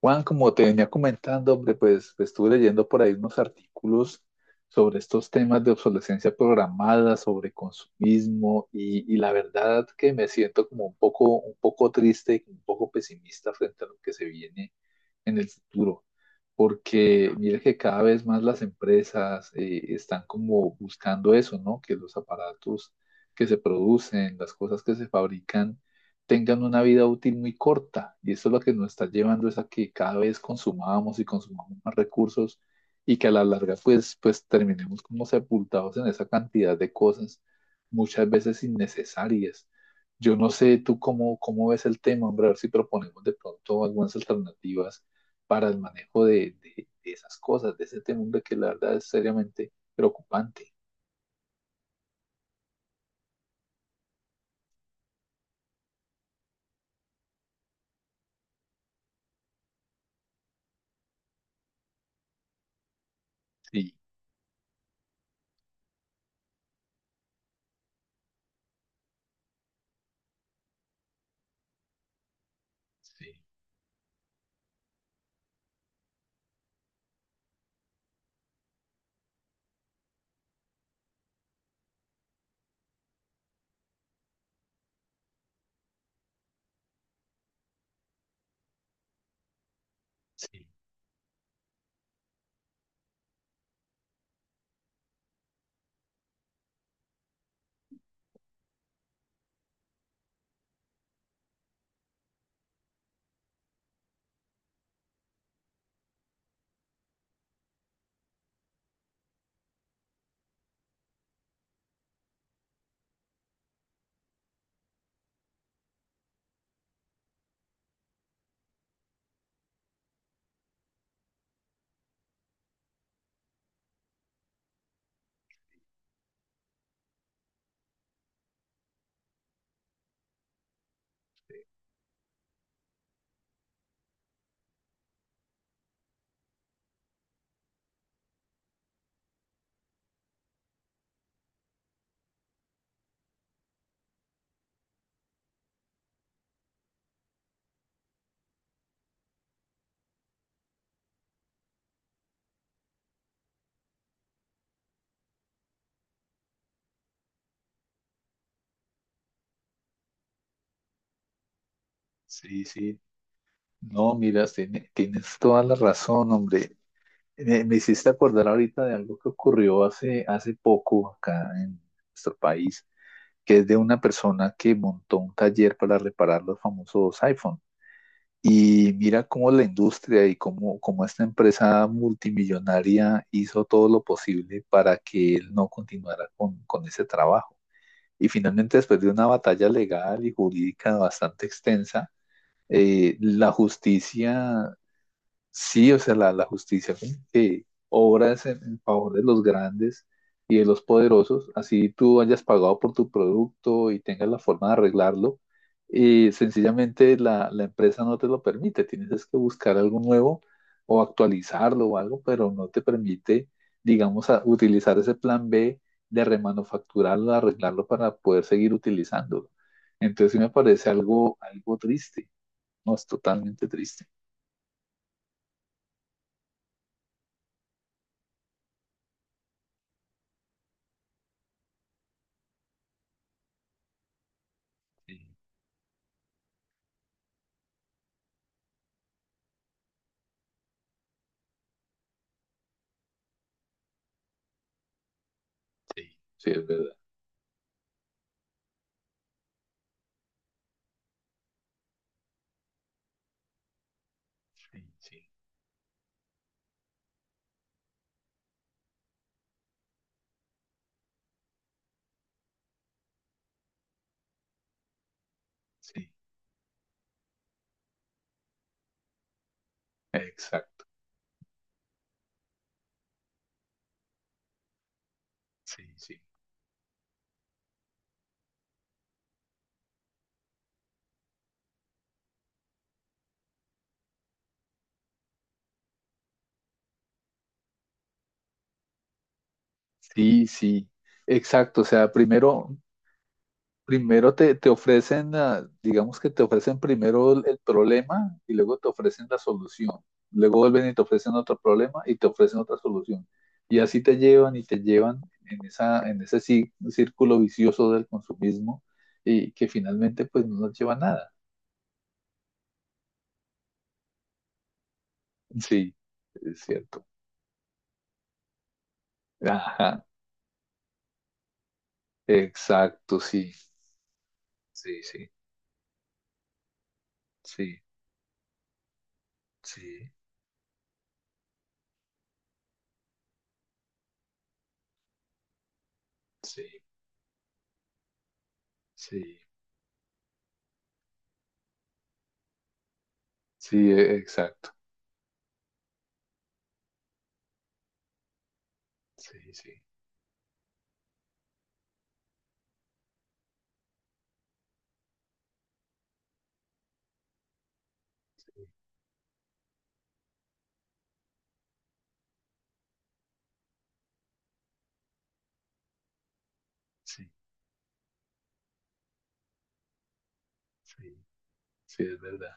Juan, como te venía comentando, hombre, pues, estuve leyendo por ahí unos artículos sobre estos temas de obsolescencia programada, sobre consumismo, y la verdad que me siento como un poco triste y un poco pesimista frente a lo que se viene en el futuro, porque mire que cada vez más las empresas están como buscando eso, ¿no? Que los aparatos que se producen, las cosas que se fabrican, tengan una vida útil muy corta. Y eso es lo que nos está llevando es a que cada vez consumamos y consumamos más recursos y que a la larga pues terminemos como sepultados en esa cantidad de cosas, muchas veces innecesarias. Yo no sé tú cómo, cómo ves el tema, hombre, a ver si proponemos de pronto algunas alternativas para el manejo de esas cosas, de ese tema, hombre, que la verdad es seriamente preocupante. Sí, sí, sí, sí, sí. No, mira, tienes toda la razón, hombre. Me hiciste acordar ahorita de algo que ocurrió hace, hace poco acá en nuestro país, que es de una persona que montó un taller para reparar los famosos iPhone. Y mira cómo la industria y cómo, cómo esta empresa multimillonaria hizo todo lo posible para que él no continuara con ese trabajo. Y finalmente, después de una batalla legal y jurídica bastante extensa, la justicia. Sí, o sea, la justicia como que obra es en favor de los grandes y de los poderosos, así tú hayas pagado por tu producto y tengas la forma de arreglarlo, y sencillamente la empresa no te lo permite, tienes es que buscar algo nuevo o actualizarlo o algo, pero no te permite, digamos, utilizar ese plan B de remanufacturarlo, arreglarlo para poder seguir utilizándolo. Entonces sí me parece algo, algo triste, no es totalmente triste. Sí, sí, es verdad. Sí, sí, sí, exacto. Sí, sí. Sí, sí, exacto. O sea, primero, primero te, te ofrecen, ah, digamos que te ofrecen primero el problema y luego te ofrecen la solución. Luego vuelven y te ofrecen otro problema y te ofrecen otra solución. Y así te llevan y te llevan en esa, en ese círculo vicioso del consumismo y que finalmente pues no nos lleva a nada. Sí, es cierto. Ajá, exacto, sí, sí, sí. Sí, sí, sí, sí, sí, exacto. Sí, sí, sí, sí, sí, sí, es verdad.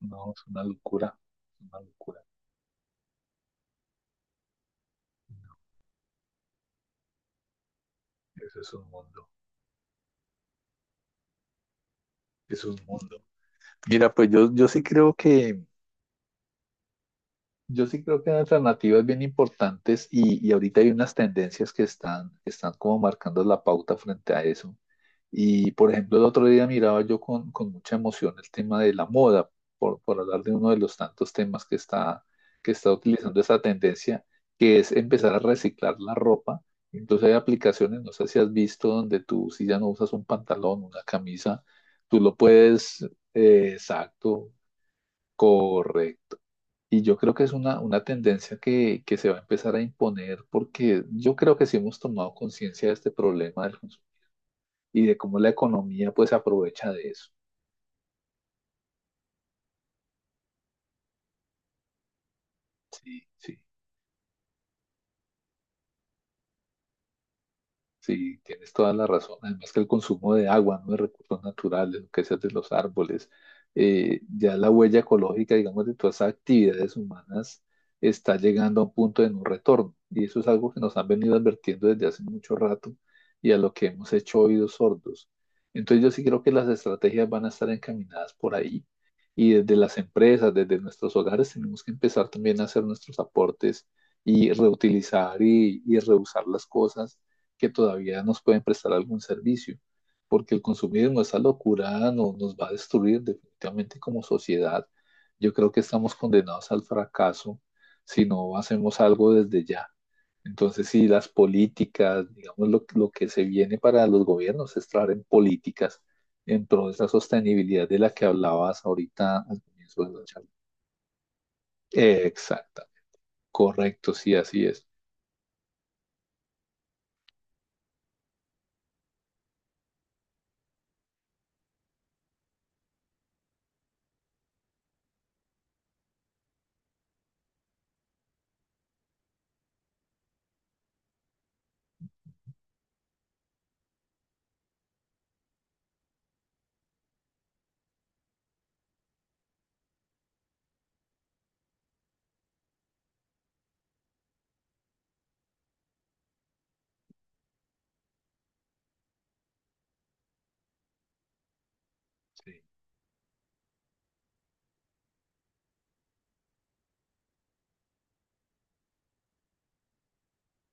No, es una locura, es una locura. Eso es un mundo, es un mundo. Mira, pues yo, yo sí creo que hay alternativas bien importantes y ahorita hay unas tendencias que están como marcando la pauta frente a eso. Y por ejemplo, el otro día miraba yo con mucha emoción el tema de la moda, por hablar de uno de los tantos temas que está utilizando esa tendencia, que es empezar a reciclar la ropa. Incluso hay aplicaciones, no sé si has visto, donde tú si ya no usas un pantalón, una camisa, tú lo puedes, exacto, correcto. Y yo creo que es una tendencia que se va a empezar a imponer porque yo creo que sí hemos tomado conciencia de este problema del consumo y de cómo la economía pues aprovecha de eso. Sí, sí. Sí, tienes toda la razón. Además que el consumo de agua, ¿no? De recursos naturales, lo que sea de los árboles, ya la huella ecológica, digamos, de todas esas actividades humanas está llegando a un punto de no retorno. Y eso es algo que nos han venido advirtiendo desde hace mucho rato y a lo que hemos hecho oídos sordos. Entonces yo sí creo que las estrategias van a estar encaminadas por ahí. Y desde las empresas, desde nuestros hogares, tenemos que empezar también a hacer nuestros aportes y reutilizar y reusar las cosas que todavía nos pueden prestar algún servicio, porque el consumismo, esa locura, no, nos va a destruir definitivamente como sociedad. Yo creo que estamos condenados al fracaso si no hacemos algo desde ya. Entonces, sí, las políticas, digamos, lo que se viene para los gobiernos es traer en políticas en pro de esa sostenibilidad de la que hablabas ahorita al comienzo de la charla. Exacta, correcto, sí, así es. Sí,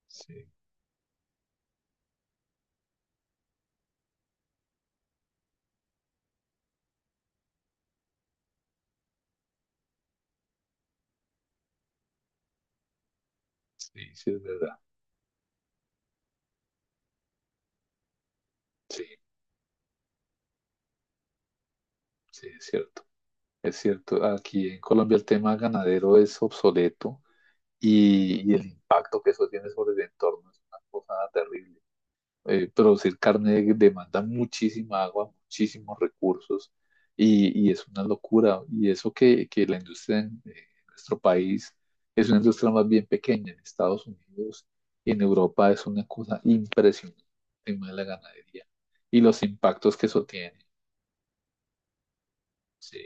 sí, sí, sí, es verdad. Sí, sí, es cierto. Es cierto, aquí en Colombia el tema ganadero es obsoleto y el impacto que eso tiene sobre el entorno es una cosa terrible. Producir carne demanda muchísima agua, muchísimos recursos y es una locura. Y eso que la industria en nuestro país es una industria más bien pequeña, en Estados Unidos y en Europa es una cosa impresionante el tema de la ganadería y los impactos que eso tiene. Sí,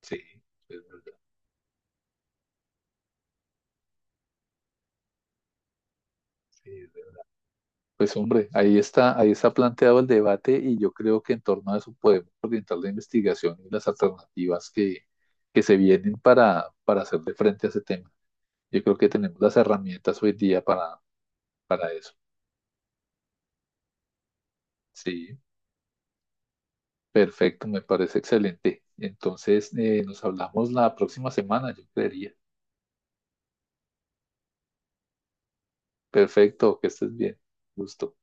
sí, es verdad. Sí, pues hombre, ahí está planteado el debate y yo creo que en torno a eso podemos orientar la investigación y las alternativas que se vienen para hacerle frente a ese tema. Yo creo que tenemos las herramientas hoy día para eso. Sí, perfecto, me parece excelente. Entonces, nos hablamos la próxima semana, yo creería. Perfecto, que estés bien. Gusto.